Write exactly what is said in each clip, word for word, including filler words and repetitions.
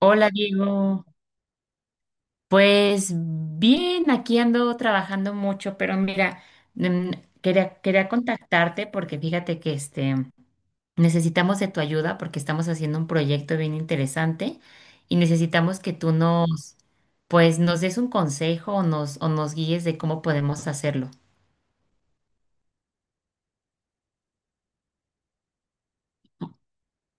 Hola Diego, pues bien, aquí ando trabajando mucho, pero mira, mm, quería, quería contactarte porque fíjate que este, necesitamos de tu ayuda porque estamos haciendo un proyecto bien interesante y necesitamos que tú nos, pues nos des un consejo o nos, o nos guíes de cómo podemos hacerlo.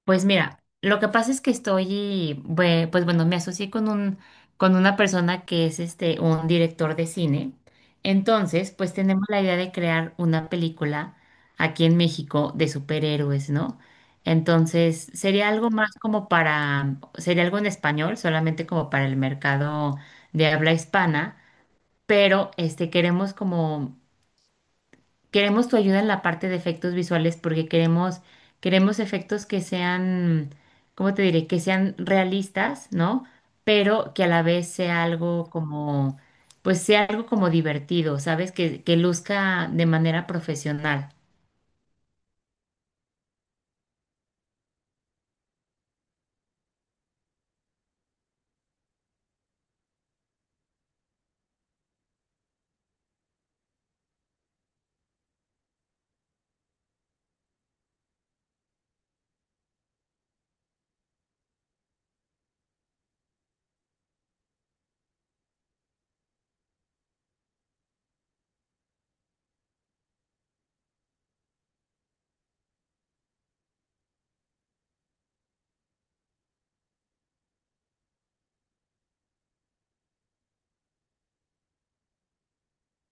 Pues mira, lo que pasa es que estoy, bue- pues bueno, me asocié con un, con una persona que es este, un director de cine. Entonces, pues tenemos la idea de crear una película aquí en México de superhéroes, ¿no? Entonces, sería algo más como para, sería algo en español, solamente como para el mercado de habla hispana, pero este queremos como Queremos tu ayuda en la parte de efectos visuales porque queremos, queremos efectos que sean, ¿cómo te diré? Que sean realistas, ¿no? Pero que a la vez sea algo como, pues sea algo como divertido, ¿sabes? Que, que luzca de manera profesional.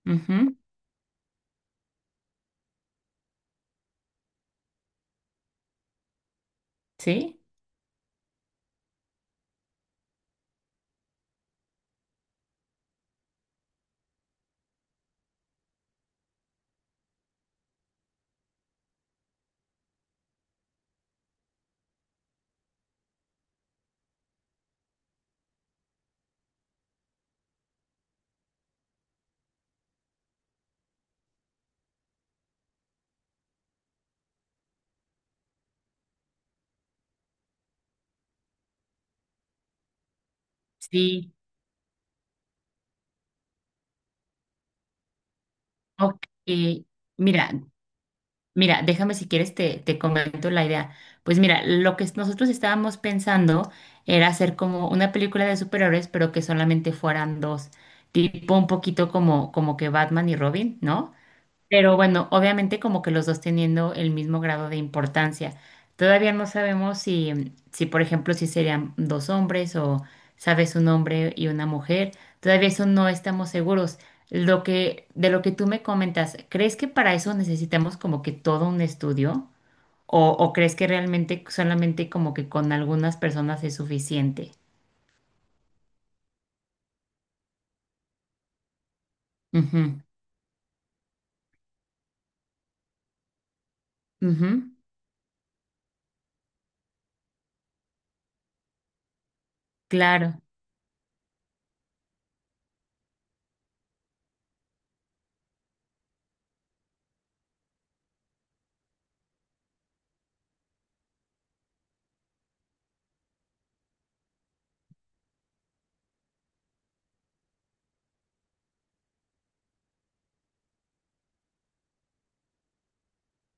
Ujú. ¿Sí? Sí. Ok. Mira, Mira, déjame si quieres te, te comento la idea. Pues mira, lo que nosotros estábamos pensando era hacer como una película de superhéroes, pero que solamente fueran dos, tipo un poquito como, como que Batman y Robin, ¿no? Pero bueno, obviamente como que los dos teniendo el mismo grado de importancia. Todavía no sabemos si, mm, si por ejemplo, si serían dos hombres o, sabes, un hombre y una mujer. Todavía eso no estamos seguros. Lo que, de lo que tú me comentas, ¿crees que para eso necesitamos como que todo un estudio? ¿O, o crees que realmente solamente como que con algunas personas es suficiente? Ujú, ujú. Claro,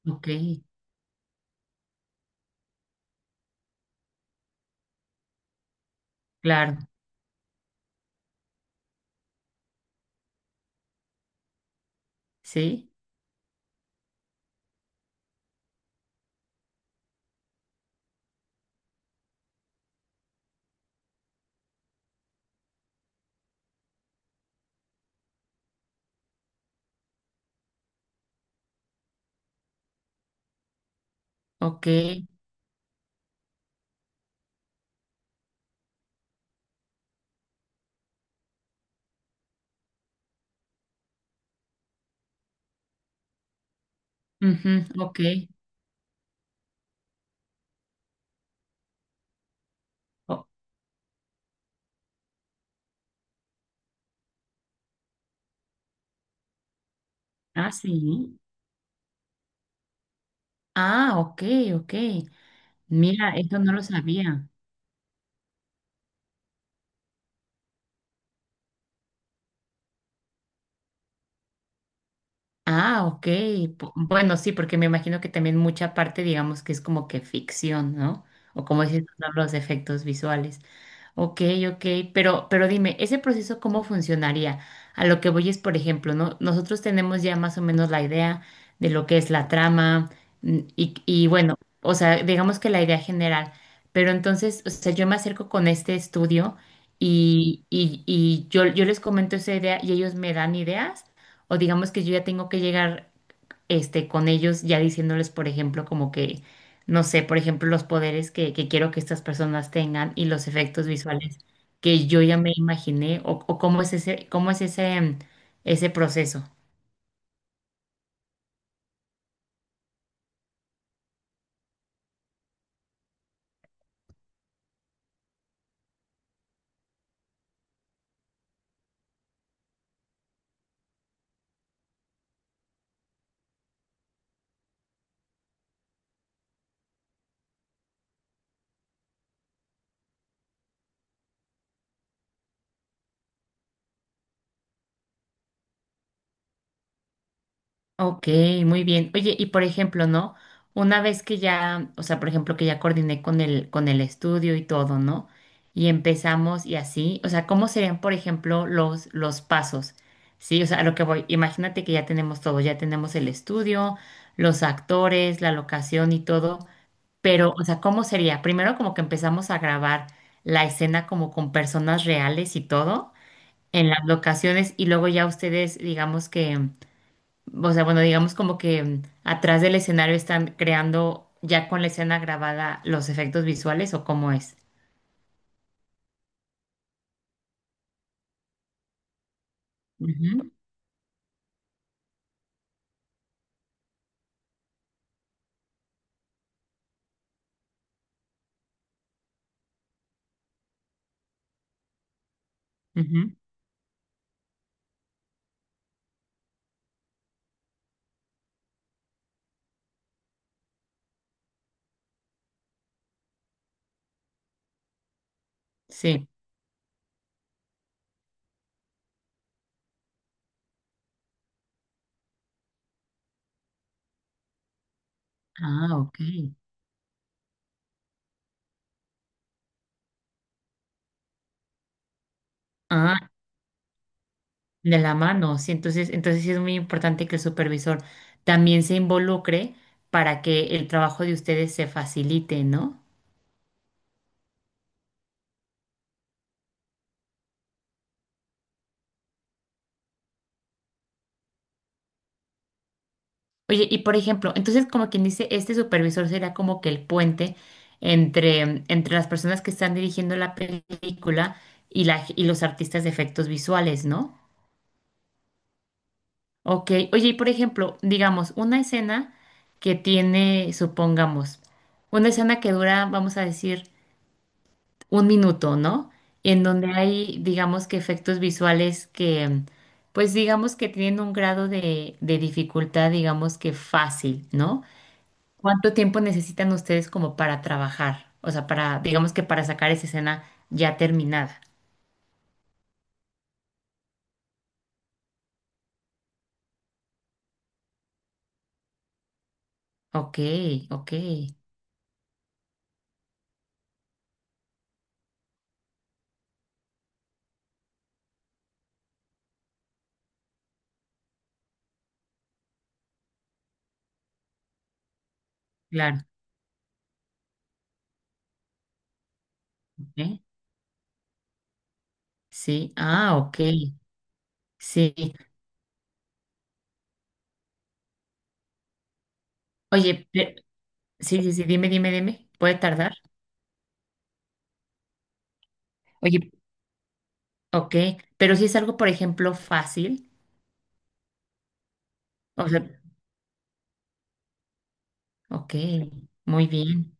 ok, claro, sí, ok, ujú, ok. Ah, sí. Ah, ok, ok. Mira, esto no lo sabía. Ah, ok. Pu- Bueno, sí, porque me imagino que también mucha parte, digamos, que es como que ficción, ¿no? O como dices, tú, ¿no?, los efectos visuales. Ok, ok, pero, pero dime, ¿ese proceso cómo funcionaría? A lo que voy es, por ejemplo, ¿no? Nosotros tenemos ya más o menos la idea de lo que es la trama, mm, y, y bueno, o sea, digamos que la idea general, pero entonces, o sea, yo me acerco con este estudio y, y, y yo, yo les comento esa idea y ellos me dan ideas. O digamos que yo ya tengo que llegar este, con ellos ya diciéndoles, por ejemplo, como que, no sé, por ejemplo, los poderes que, que quiero que estas personas tengan y los efectos visuales que yo ya me imaginé o, o cómo es ese, cómo es ese, em, ese proceso. Ok, muy bien. Oye, y por ejemplo, ¿no? Una vez que ya, o sea, por ejemplo, que ya coordiné con el, con el estudio y todo, ¿no? Y empezamos y así, o sea, ¿cómo serían, por ejemplo, los, los pasos? Sí, o sea, a lo que voy, imagínate que ya tenemos todo, ya tenemos el estudio, los actores, la locación y todo, pero, o sea, ¿cómo sería? Primero como que empezamos a grabar la escena como con personas reales y todo en las locaciones y luego ya ustedes, digamos que, o sea, bueno, digamos como que mm, atrás del escenario están creando ya con la escena grabada los efectos visuales o cómo es. Ujú, ujú. Sí. Ah, ok. Ah, de la mano. Sí, entonces, entonces sí es muy importante que el supervisor también se involucre para que el trabajo de ustedes se facilite, ¿no? Oye, y por ejemplo, entonces como quien dice, este supervisor será como que el puente entre, entre las personas que están dirigiendo la película y, la, y los artistas de efectos visuales, ¿no? Ok, oye, y por ejemplo, digamos, una escena que tiene, supongamos, una escena que dura, vamos a decir, un minuto, ¿no? En donde hay, digamos que efectos visuales que, pues digamos que tienen un grado de, de dificultad, digamos que fácil, ¿no? ¿Cuánto tiempo necesitan ustedes como para trabajar? O sea, para, digamos que para sacar esa escena ya terminada. Ok, ok, claro. Ok, sí, ah, ok, sí. Oye, pe- sí, sí, sí, dime, dime, dime. ¿Puede tardar? Oye, ok, pero si es algo, por ejemplo, fácil. O sea, ok, muy bien.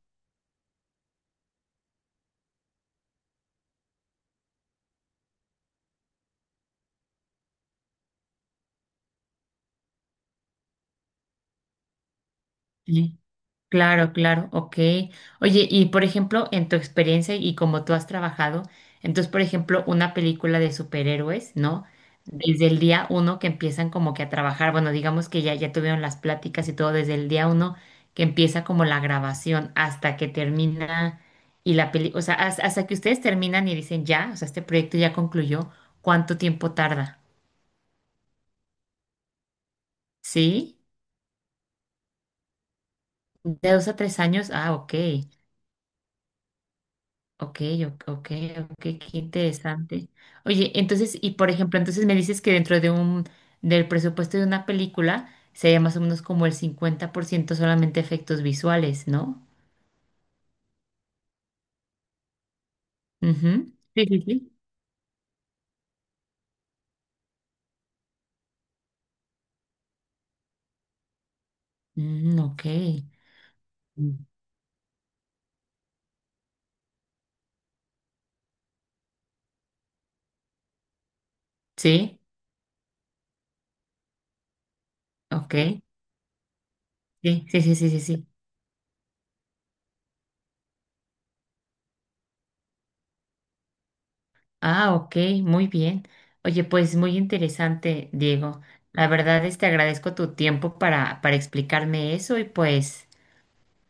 Sí. Claro, claro, ok. Oye, y por ejemplo, en tu experiencia y como tú has trabajado, entonces, por ejemplo, una película de superhéroes, ¿no? Desde el día uno que empiezan como que a trabajar, bueno, digamos que ya, ya tuvieron las pláticas y todo, desde el día uno que empieza como la grabación hasta que termina y la peli, o sea, has- hasta que ustedes terminan y dicen ya, o sea, este proyecto ya concluyó, ¿cuánto tiempo tarda? ¿Sí? ¿De dos a tres años? Ah, ok. Ok, ok, ok, ok, qué interesante. Oye, entonces, y por ejemplo, entonces me dices que dentro de un, del presupuesto de una película sería más o menos como el cincuenta por ciento solamente efectos visuales, ¿no? Ujú. Sí, sí, sí. Mm, ok. Mm. Sí, ok. Sí, sí, sí, sí, sí, sí. Ah, ok, muy bien. Oye, pues muy interesante, Diego. La verdad es que agradezco tu tiempo para, para explicarme eso y pues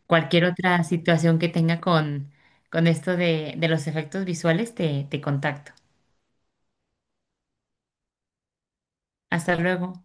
cualquier otra situación que tenga con, con esto de, de los efectos visuales, te, te contacto. Hasta luego.